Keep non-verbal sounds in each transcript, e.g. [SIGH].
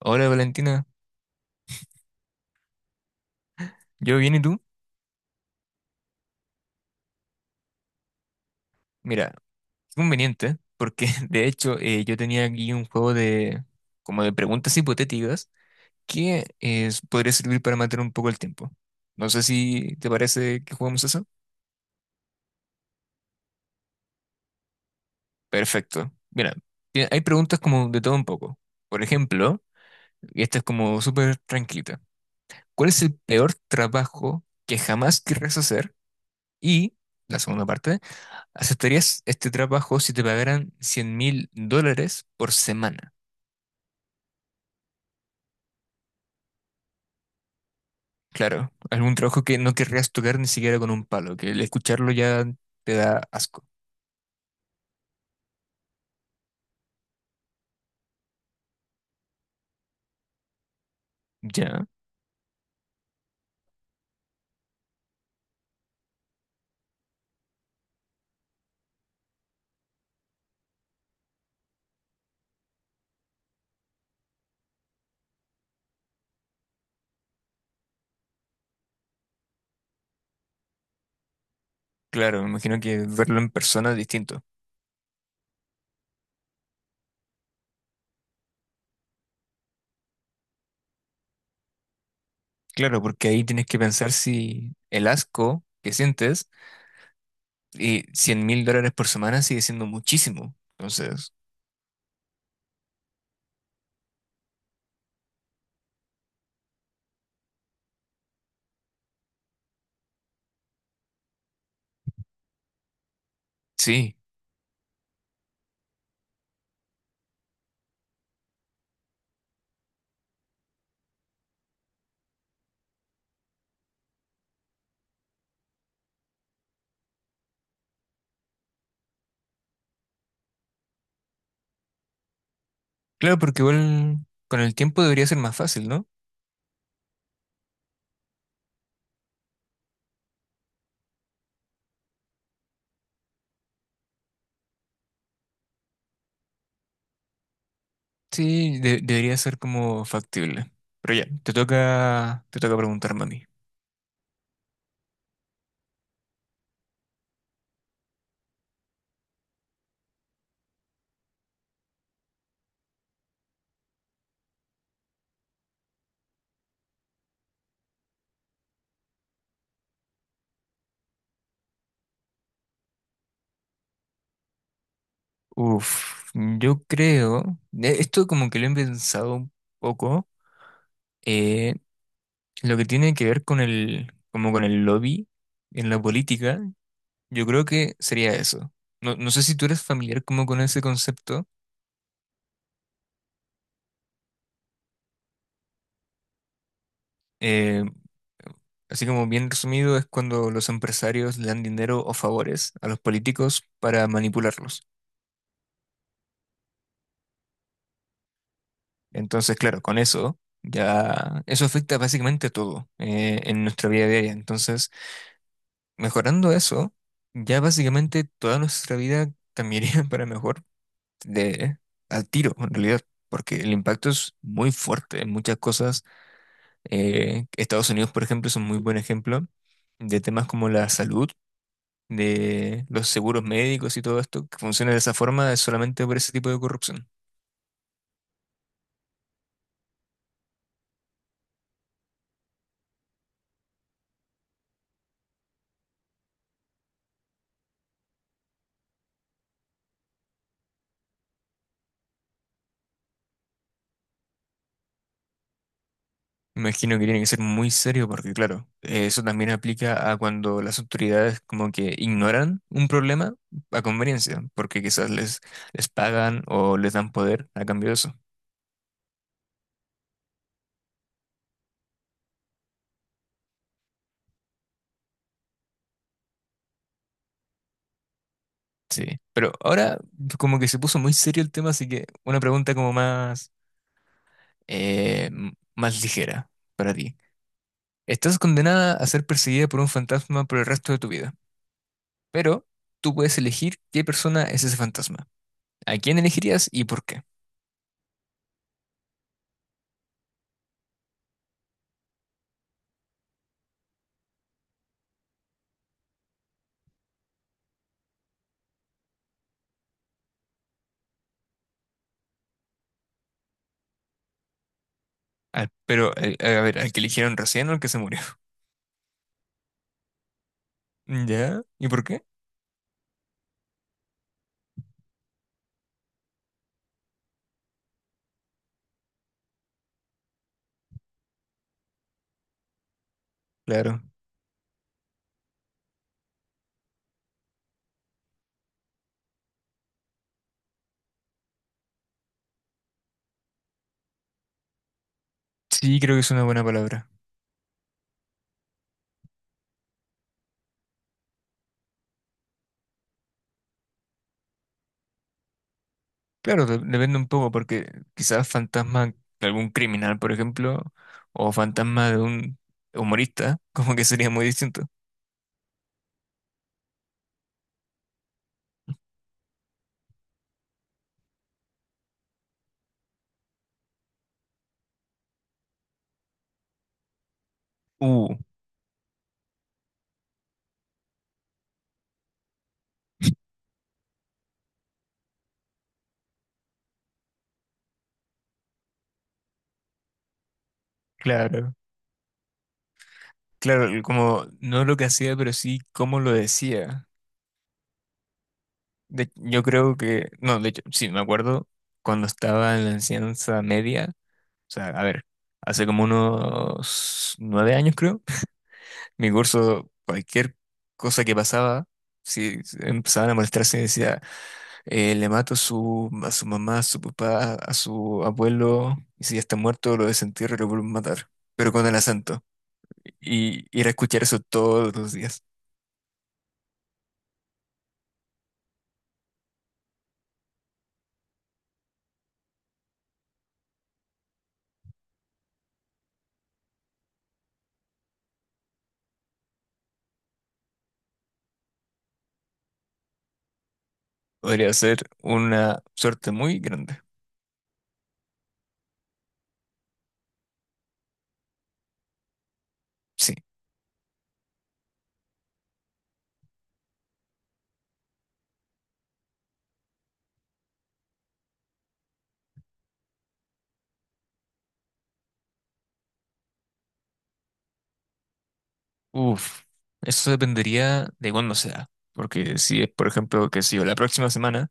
Hola Valentina, ¿yo bien y tú? Mira, qué conveniente, porque [LAUGHS] de hecho yo tenía aquí un juego de como de preguntas hipotéticas que podría servir para matar un poco el tiempo. No sé si te parece que juguemos eso. Perfecto. Mira, hay preguntas como de todo un poco. Por ejemplo, y esta es como súper tranquilita. ¿Cuál es el peor trabajo que jamás querrás hacer? Y la segunda parte, ¿aceptarías este trabajo si te pagaran 100 mil dólares por semana? Claro, algún trabajo que no querrías tocar ni siquiera con un palo, que el escucharlo ya te da asco. Ya, claro, me imagino que verlo en persona es distinto. Claro, porque ahí tienes que pensar si el asco que sientes y $100.000 por semana sigue siendo muchísimo. Entonces, sí, claro, porque igual con el tiempo debería ser más fácil, ¿no? Sí, debería ser como factible. Pero ya, te toca preguntarme a mí. Uf, yo creo, esto como que lo he pensado un poco, eh, lo que tiene que ver con el, como con el lobby en la política, yo creo que sería eso. No, no sé si tú eres familiar como con ese concepto, eh, así como bien resumido es cuando los empresarios le dan dinero o favores a los políticos para manipularlos. Entonces, claro, con eso ya, eso afecta básicamente a todo, en nuestra vida diaria. Entonces, mejorando eso, ya básicamente toda nuestra vida cambiaría [LAUGHS] para mejor de al tiro, en realidad, porque el impacto es muy fuerte en muchas cosas. Estados Unidos, por ejemplo, es un muy buen ejemplo de temas como la salud, de los seguros médicos y todo esto, que funciona de esa forma es solamente por ese tipo de corrupción. Me imagino que tiene que ser muy serio porque, claro, eso también aplica a cuando las autoridades como que ignoran un problema a conveniencia, porque quizás les, les pagan o les dan poder a cambio de eso. Sí, pero ahora como que se puso muy serio el tema, así que una pregunta como más, más ligera para ti. Estás condenada a ser perseguida por un fantasma por el resto de tu vida, pero tú puedes elegir qué persona es ese fantasma. ¿A quién elegirías y por qué? Ah, pero, a ver, ¿al que eligieron recién o al que se murió? [LAUGHS] ¿Ya? ¿Y por qué? Claro. Sí, creo que es una buena palabra. Claro, depende un poco, porque quizás fantasma de algún criminal, por ejemplo, o fantasma de un humorista, [LAUGHS] como que sería muy distinto. Uh, claro. Claro, como no lo que hacía, pero sí cómo lo decía. Yo creo que, no, de hecho, sí, me acuerdo cuando estaba en la enseñanza media, o sea, a ver, hace como unos 9 años, creo. Mi curso, cualquier cosa que pasaba, si empezaban a molestarse, decía, le mato a su mamá, a su papá, a su abuelo, y si ya está muerto, lo desentierro y lo vuelvo a matar, pero con el acento. Y ir a escuchar eso todos los días. Podría ser una suerte muy grande. Sí. Uf, eso dependería de cuándo sea. Porque si es, por ejemplo, que si yo, la próxima semana,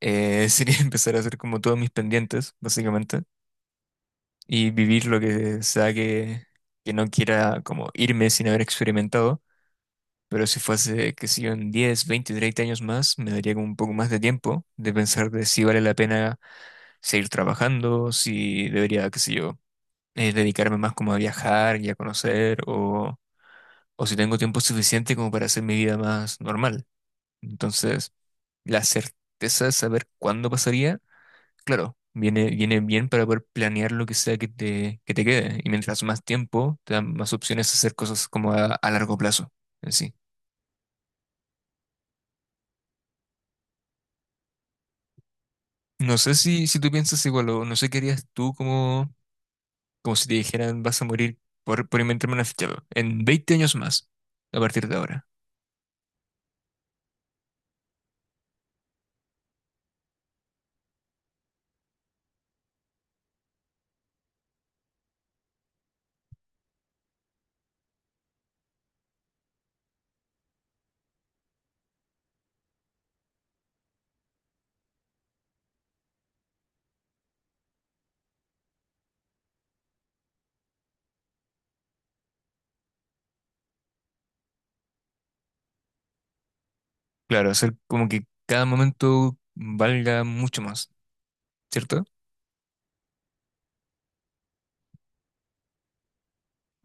[LAUGHS] sería empezar a hacer como todos mis pendientes, básicamente, y vivir lo que sea que no quiera como irme sin haber experimentado. Pero si fuese, que si yo, en 10, 20, 30 años más, me daría como un poco más de tiempo de pensar de si vale la pena seguir trabajando, si debería, qué sé yo, dedicarme más como a viajar y a conocer, o si tengo tiempo suficiente como para hacer mi vida más normal. Entonces, la certeza de saber cuándo pasaría, claro, viene, viene bien para poder planear lo que sea que te quede. Y mientras más tiempo, te dan más opciones a hacer cosas como a largo plazo en sí. No sé si, si tú piensas igual o no sé qué harías tú como, como si te dijeran vas a morir por inventarme una ficha web en 20 años más a partir de ahora. Claro, hacer como que cada momento valga mucho más, ¿cierto?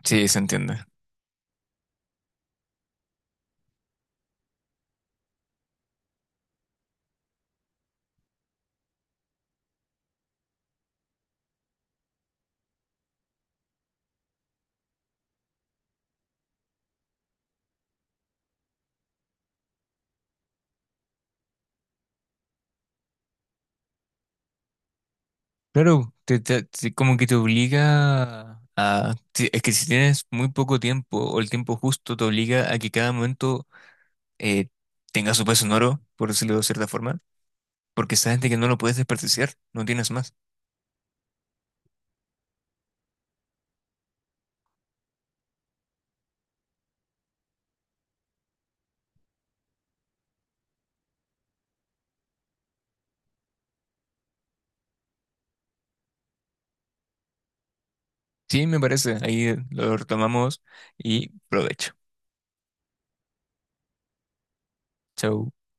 Sí, se entiende. Claro, te, como que te obliga a... Es que si tienes muy poco tiempo o el tiempo justo, te obliga a que cada momento eh, tenga su peso sonoro, por decirlo de cierta forma, porque sabes de que no lo puedes desperdiciar, no tienes más. Sí, me parece, ahí lo retomamos y provecho. Chau.